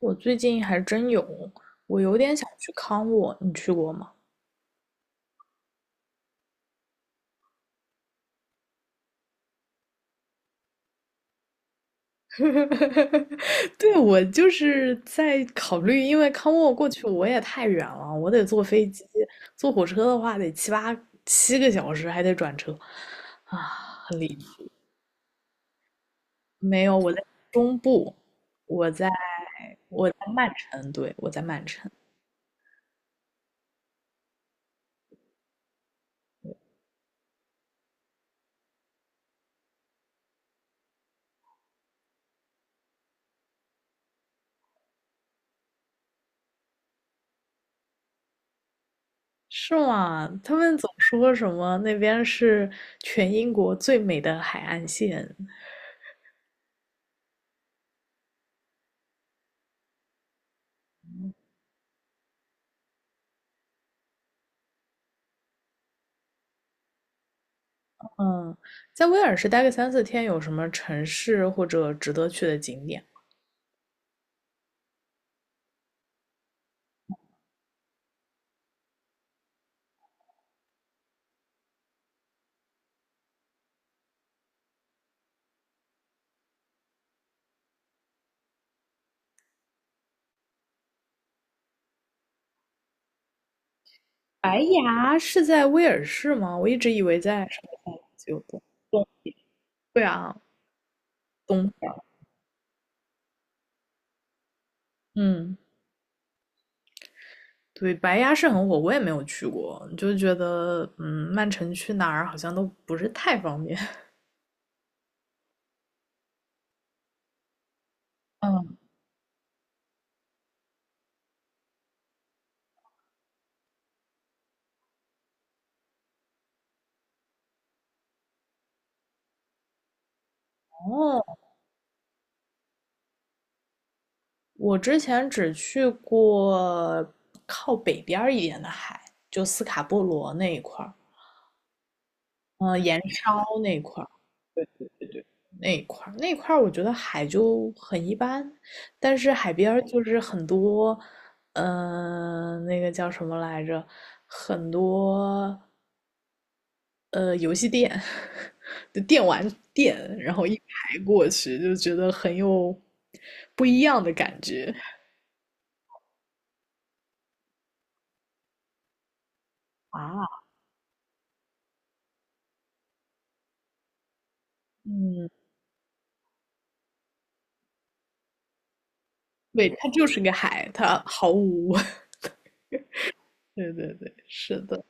我最近还真有，我有点想去康沃，你去过吗？对，我就是在考虑，因为康沃过去我也太远了，我得坐飞机，坐火车的话得七个小时，还得转车，啊，很离谱。没有，我在中部，我在我在曼城，对，我在曼城。是吗？他们总说什么那边是全英国最美的海岸线，嗯，在威尔士待个三四天，有什么城市或者值得去的景点？白崖是在威尔士吗？我一直以为在什么有东东，对啊，东边儿。嗯，对，白崖是很火，我也没有去过，就觉得嗯，曼城去哪儿好像都不是太方便。嗯，哦，我之前只去过靠北边儿一点的海，就斯卡波罗那一块儿，盐烧那一块儿。那一块儿我觉得海就很一般，但是海边儿就是很多，呃，那个叫什么来着？很多游戏店 的电玩店，然后一排过去，就觉得很有不一样的感觉。啊，嗯，对，它就是个海，它毫无。对对对，是的。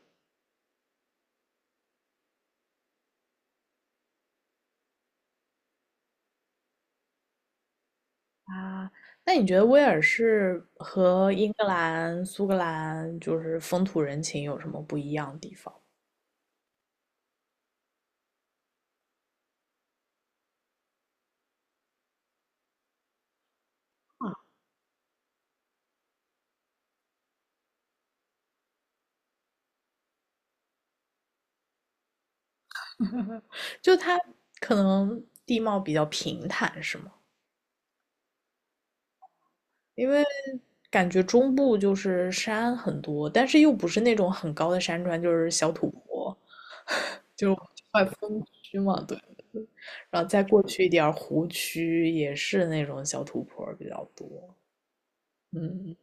啊，那你觉得威尔士和英格兰、苏格兰就是风土人情有什么不一样的地方？啊？就它可能地貌比较平坦，是吗？因为感觉中部就是山很多，但是又不是那种很高的山川，就是小土坡，就是快峰区嘛，对。然后再过去一点儿湖区也是那种小土坡比较多，嗯。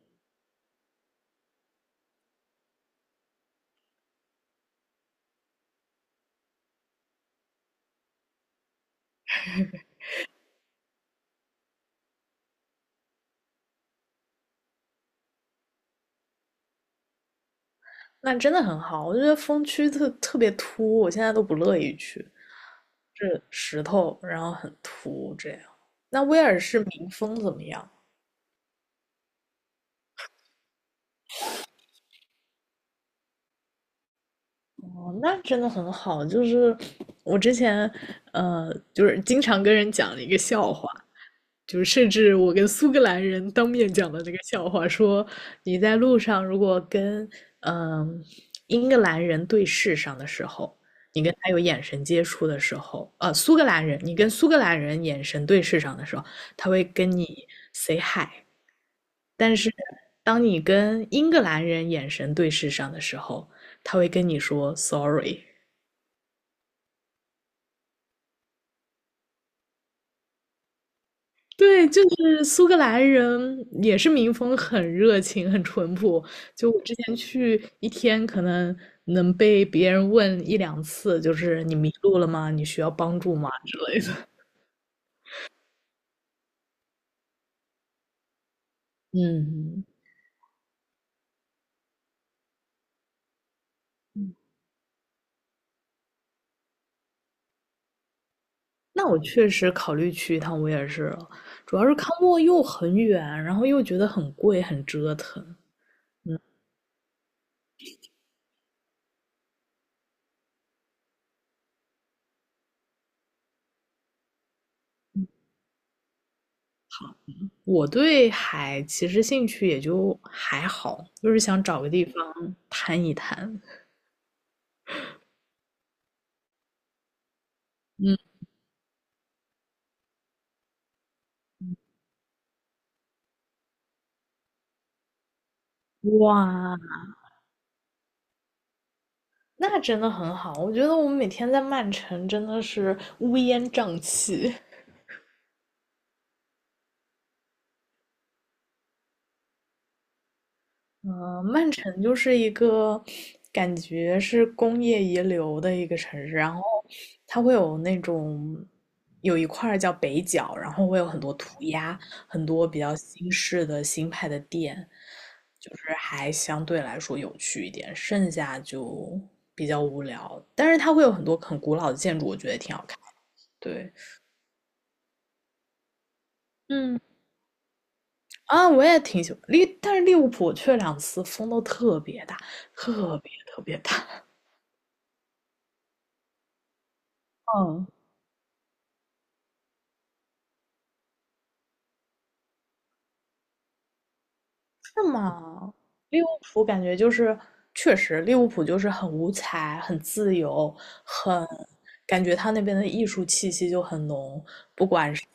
那真的很好，我觉得风区特别秃，我现在都不乐意去，是石头，然后很秃这样。那威尔士民风怎么样？哦，那真的很好。就是我之前，呃，就是经常跟人讲了一个笑话，就是甚至我跟苏格兰人当面讲的这个笑话，说你在路上如果跟嗯、呃英格兰人对视上的时候，你跟他有眼神接触的时候，呃，苏格兰人，你跟苏格兰人眼神对视上的时候，他会跟你 say hi，但是当你跟英格兰人眼神对视上的时候，他会跟你说 sorry。对，就是苏格兰人也是民风很热情、很淳朴。就我之前去一天，可能能被别人问一两次，就是你迷路了吗？你需要帮助吗？之类的。嗯，那我确实考虑去一趟威尔士了，主要是康沃又很远，然后又觉得很贵，很折腾。我对海其实兴趣也就还好，就是想找个地方探一探。嗯，哇，那真的很好，我觉得我们每天在曼城真的是乌烟瘴气。嗯，曼城就是一个感觉是工业遗留的一个城市，然后它会有那种有一块儿叫北角，然后会有很多涂鸦，很多比较新式的新派的店，就是还相对来说有趣一点，剩下就比较无聊。但是它会有很多很古老的建筑，我觉得也挺好看。对，嗯。啊，我也挺喜欢利，但是利物浦去了两次风都特别大，特别大。嗯，是吗？利物浦感觉就是，确实利物浦就是很五彩、很自由、很感觉他那边的艺术气息就很浓，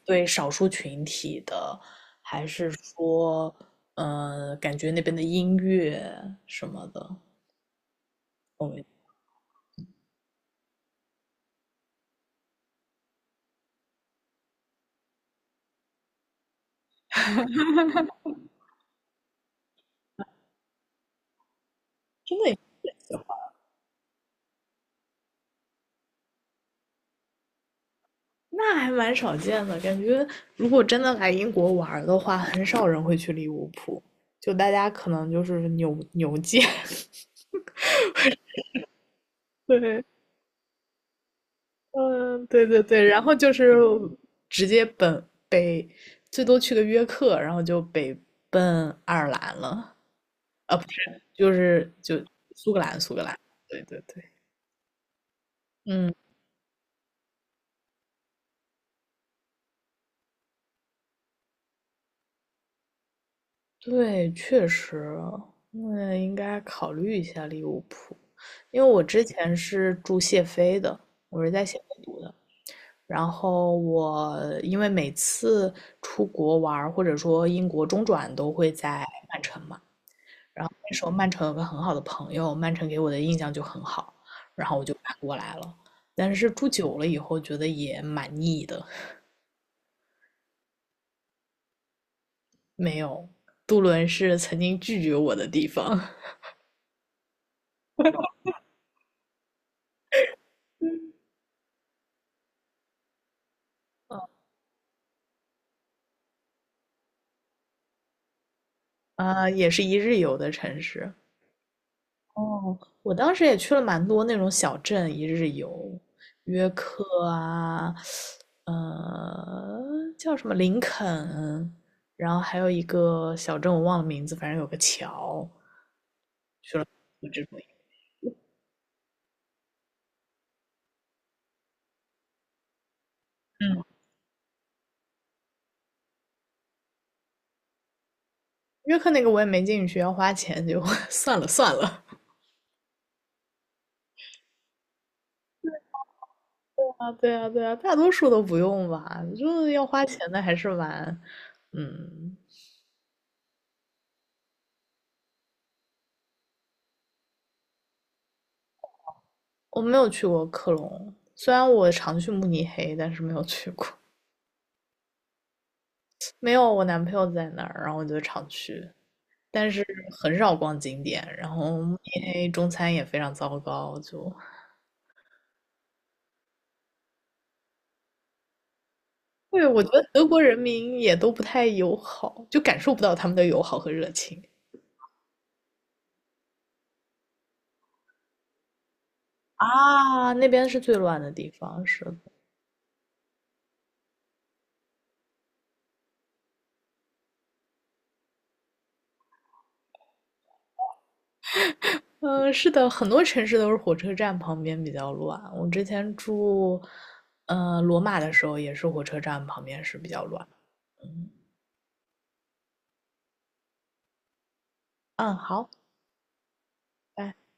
对少数群体的，还是说，呃，感觉那边的音乐什么的，我们真的也那还蛮少见的，感觉如果真的来英国玩儿的话，很少人会去利物浦，就大家可能就是牛牛街，对，嗯，对对对，然后就是直接本北，最多去个约克，然后就北奔爱尔兰了，啊，不是，就是就苏格兰，苏格兰，对对对，嗯。对，确实，那应该考虑一下利物浦，因为我之前是住谢菲的，我是在谢菲读的。然后我因为每次出国玩儿或者说英国中转都会在曼城嘛，然后那时候曼城有个很好的朋友，曼城给我的印象就很好，然后我就搬过来了。但是住久了以后，觉得也蛮腻的，没有，杜伦是曾经拒绝我的地方。啊，也是一日游的城市。哦，我当时也去了蛮多那种小镇一日游，约克啊，呃，叫什么林肯，然后还有一个小镇我忘了名字，反正有个桥，就这种。嗯，约克那个我也没进去，要花钱就 算了算了。啊，对啊，对啊，大多数都不用吧，就是要花钱的还是蛮，嗯，我没有去过克隆，虽然我常去慕尼黑，但是没有去过。没有，我男朋友在那儿，然后我就常去，但是很少逛景点。然后慕尼黑中餐也非常糟糕，就对我觉得德国人民也都不太友好，就感受不到他们的友好和热情。啊。那边是最乱的地方，是的。嗯，是的，很多城市都是火车站旁边比较乱。我之前住，呃，罗马的时候也是火车站旁边是比较乱。嗯嗯，好，拜。